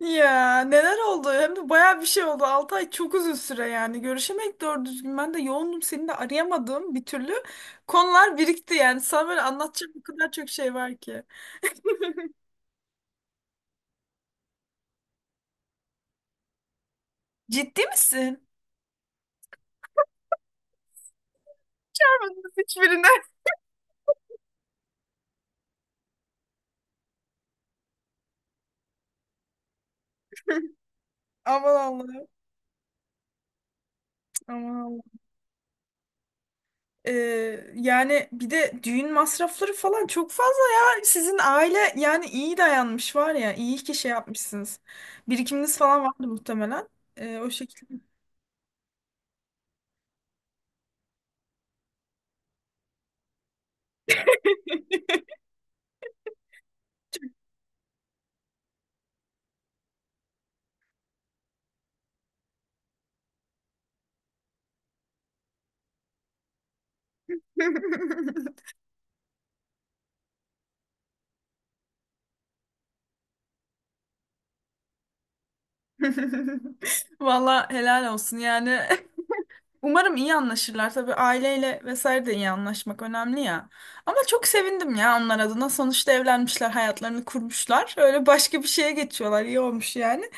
Ya neler oldu? Hem de bayağı bir şey oldu. 6 ay çok uzun süre yani. Görüşemedik doğru düzgün. Ben de yoğundum. Seni de arayamadım bir türlü. Konular birikti yani. Sana böyle anlatacak bu kadar çok şey var ki. Ciddi misin? Hiçbirine. Aman Allah'ım. Aman Allah'ım. Ee, Yani bir de düğün masrafları falan çok fazla ya. Sizin aile yani iyi dayanmış var ya. İyi ki şey yapmışsınız. Birikiminiz falan vardı muhtemelen. O şekilde. Valla helal olsun yani. Umarım iyi anlaşırlar. Tabii aileyle vesaire de iyi anlaşmak önemli ya. Ama çok sevindim ya onlar adına. Sonuçta evlenmişler, hayatlarını kurmuşlar. Öyle başka bir şeye geçiyorlar. İyi olmuş yani.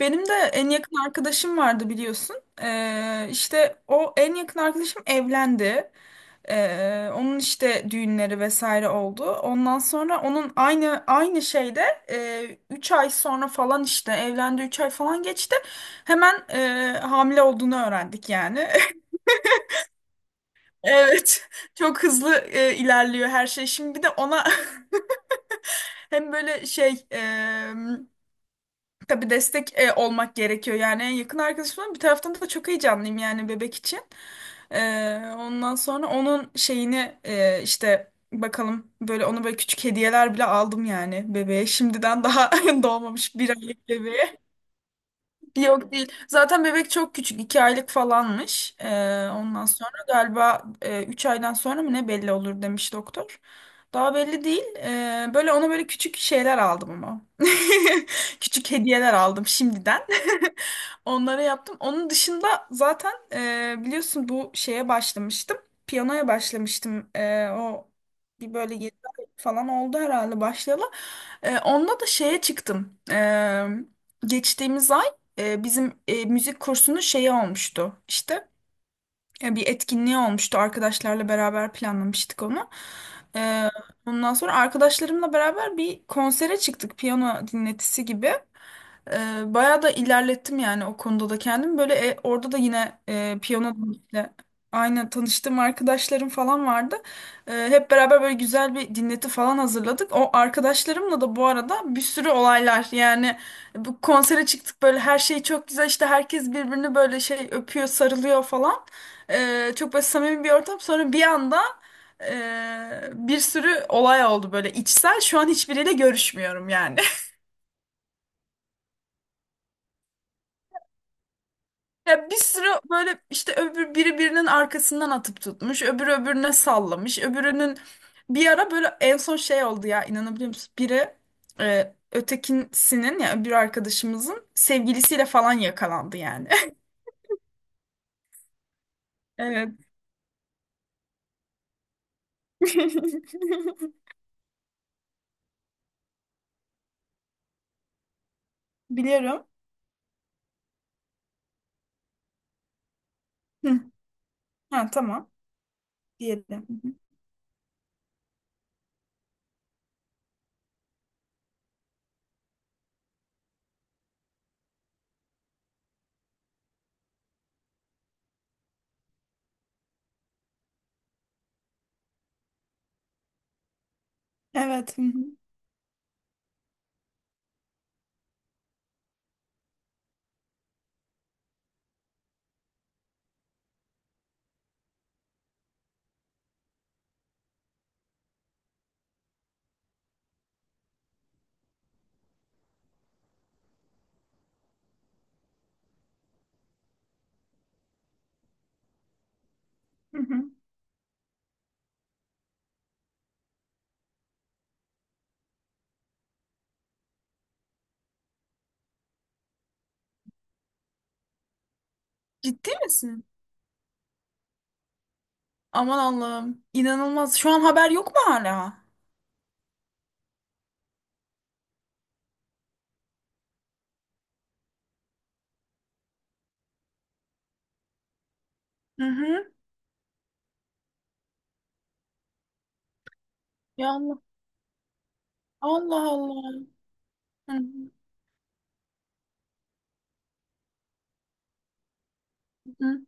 Benim de en yakın arkadaşım vardı biliyorsun. İşte o en yakın arkadaşım evlendi. Onun işte düğünleri vesaire oldu. Ondan sonra onun aynı şeyde 3 ay sonra falan işte evlendi. 3 ay falan geçti. Hemen hamile olduğunu öğrendik yani. Evet, çok hızlı ilerliyor her şey. Şimdi bir de ona hem böyle şey tabii destek olmak gerekiyor. Yani en yakın arkadaşım ama bir taraftan da çok heyecanlıyım yani bebek için. E, Ondan sonra onun şeyini işte bakalım böyle ona böyle küçük hediyeler bile aldım yani bebeğe. Şimdiden daha doğmamış 1 aylık bebeğe. Yok değil. Zaten bebek çok küçük. 2 aylık falanmış. Ondan sonra galiba 3 aydan sonra mı ne belli olur demiş doktor. Daha belli değil. Böyle ona böyle küçük şeyler aldım ama. Küçük hediyeler aldım şimdiden. Onlara yaptım. Onun dışında zaten biliyorsun bu şeye başlamıştım. Piyanoya başlamıştım. O bir böyle 7 ay falan oldu herhalde başlayalı. Onda da şeye çıktım. Geçtiğimiz ay bizim müzik kursunun şeyi olmuştu işte bir etkinliği olmuştu arkadaşlarla beraber planlamıştık onu. E, Ondan sonra arkadaşlarımla beraber bir konsere çıktık, piyano dinletisi gibi. Bayağı da ilerlettim yani o konuda da kendim. Böyle orada da yine piyano ile aynı tanıştığım arkadaşlarım falan vardı. Hep beraber böyle güzel bir dinleti falan hazırladık. O arkadaşlarımla da bu arada bir sürü olaylar yani, bu konsere çıktık böyle her şey çok güzel, işte herkes birbirini böyle şey öpüyor, sarılıyor falan. Çok böyle samimi bir ortam, sonra bir anda bir sürü olay oldu böyle içsel, şu an hiçbiriyle görüşmüyorum yani. Ya bir sürü böyle işte öbür biri birinin arkasından atıp tutmuş, öbürü öbürüne sallamış, öbürünün bir ara böyle en son şey oldu ya, inanabiliyor musun? Biri ötekisinin ya öbür arkadaşımızın sevgilisiyle falan yakalandı yani. Evet. Biliyorum. Hı. Ha tamam. Diyelim. Hı hı. Evet. Hı hı. Hı hı. Ciddi misin? Aman Allah'ım. İnanılmaz. Şu an haber yok mu hala? Hı hı. Ya Allah. Allah Allah. Hı hı.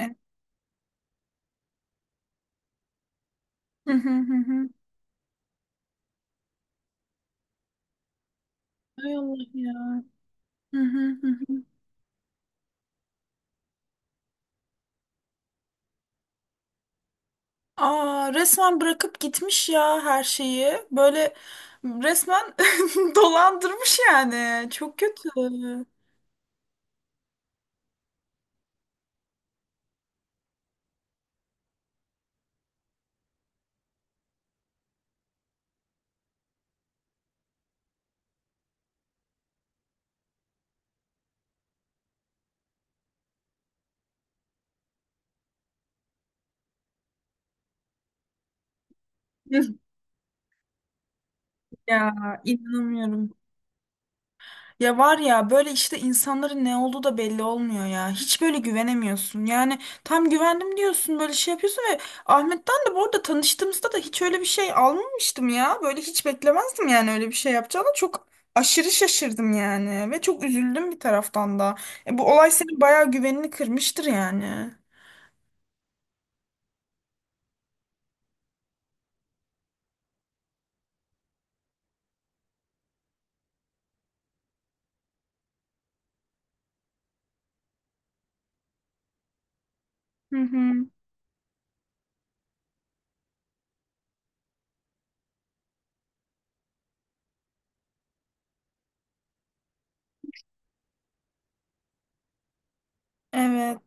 Hı. Hı hı hı hı. Ay Allah ya. Hı hı hı hı. Aa, resmen bırakıp gitmiş ya her şeyi. Böyle resmen dolandırmış yani. Çok kötü. Ya inanamıyorum. Ya var ya, böyle işte insanların ne olduğu da belli olmuyor ya. Hiç böyle güvenemiyorsun. Yani tam güvendim diyorsun, böyle şey yapıyorsun ve Ahmet'ten de bu arada tanıştığımızda da hiç öyle bir şey almamıştım ya. Böyle hiç beklemezdim yani öyle bir şey yapacağını. Çok aşırı şaşırdım yani ve çok üzüldüm bir taraftan da. Bu olay senin bayağı güvenini kırmıştır yani. Hı hı. Evet.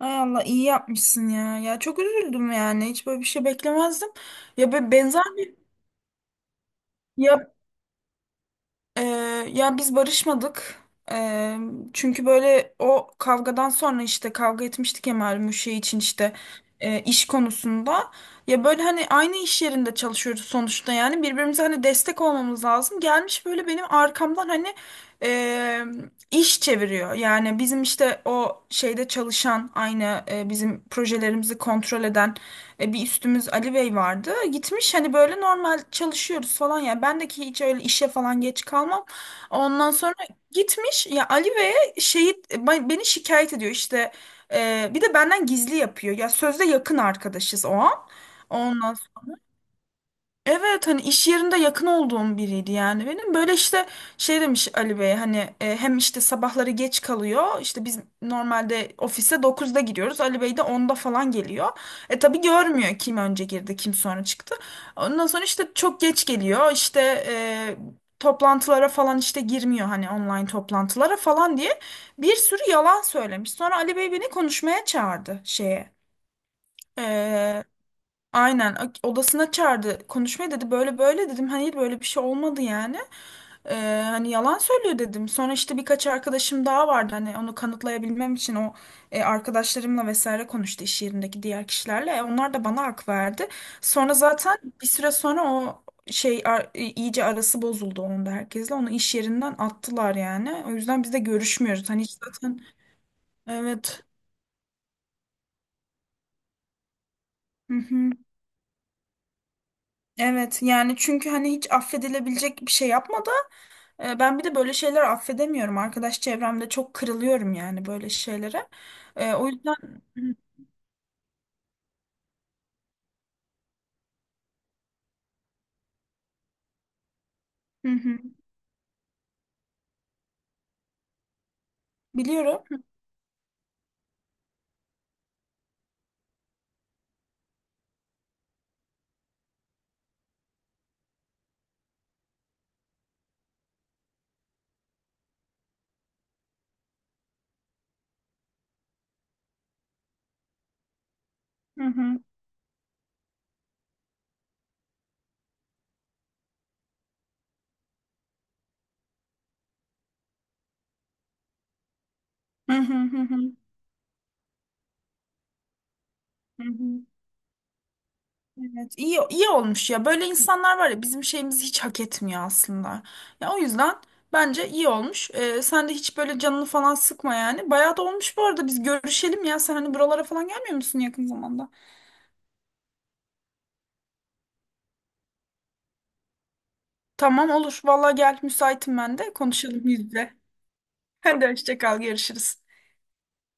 Ay Allah, iyi yapmışsın ya. Ya çok üzüldüm yani. Hiç böyle bir şey beklemezdim. Ya benzer bir ya. Ee, Ya biz barışmadık. Ee, Çünkü böyle o kavgadan sonra işte kavga etmiştik ya, malum şey için, işte iş konusunda. Ya böyle hani aynı iş yerinde çalışıyoruz sonuçta yani, birbirimize hani destek olmamız lazım. Gelmiş böyle benim arkamdan hani e, iş çeviriyor. Yani bizim işte o şeyde çalışan, aynı bizim projelerimizi kontrol eden bir üstümüz Ali Bey vardı. Gitmiş, hani böyle normal çalışıyoruz falan ya. Ben de ki hiç öyle işe falan geç kalmam. Ondan sonra gitmiş ya Ali Bey'e, şeyi beni şikayet ediyor işte. Bir de benden gizli yapıyor. Ya sözde yakın arkadaşız o an. Ondan. Evet, hani iş yerinde yakın olduğum biriydi yani benim. Böyle işte şey demiş Ali Bey hani hem işte sabahları geç kalıyor. İşte biz normalde ofise 9'da gidiyoruz. Ali Bey de onda falan geliyor. E tabii görmüyor kim önce girdi kim sonra çıktı. Ondan sonra işte çok geç geliyor. İşte e, toplantılara falan işte girmiyor, hani online toplantılara falan diye bir sürü yalan söylemiş. Sonra Ali Bey beni konuşmaya çağırdı şeye. e, Aynen odasına çağırdı konuşmaya, dedi böyle böyle, dedim hani böyle bir şey olmadı yani. Hani yalan söylüyor dedim, sonra işte birkaç arkadaşım daha vardı hani onu kanıtlayabilmem için, o arkadaşlarımla vesaire konuştu iş yerindeki diğer kişilerle. Onlar da bana hak verdi, sonra zaten bir süre sonra o şey iyice arası bozuldu onun da herkesle, onu iş yerinden attılar yani. O yüzden biz de görüşmüyoruz hani hiç zaten evet. Hı hı. Evet yani, çünkü hani hiç affedilebilecek bir şey yapmadı. Ben bir de böyle şeyler affedemiyorum. Arkadaş çevremde çok kırılıyorum yani böyle şeylere. O yüzden. Hı hı, biliyorum. Hı hı hı hı hı hı hı hı. Evet, iyi iyi olmuş ya. Böyle insanlar var ya, bizim şeyimizi hiç hak etmiyor aslında. Ya o yüzden bence iyi olmuş. Sen de hiç böyle canını falan sıkma yani. Bayağı da olmuş bu arada. Biz görüşelim ya. Sen hani buralara falan gelmiyor musun yakın zamanda? Tamam, olur. Vallahi gel, müsaitim ben de. Konuşalım yüz yüze. Hadi, hoşça kal. Görüşürüz.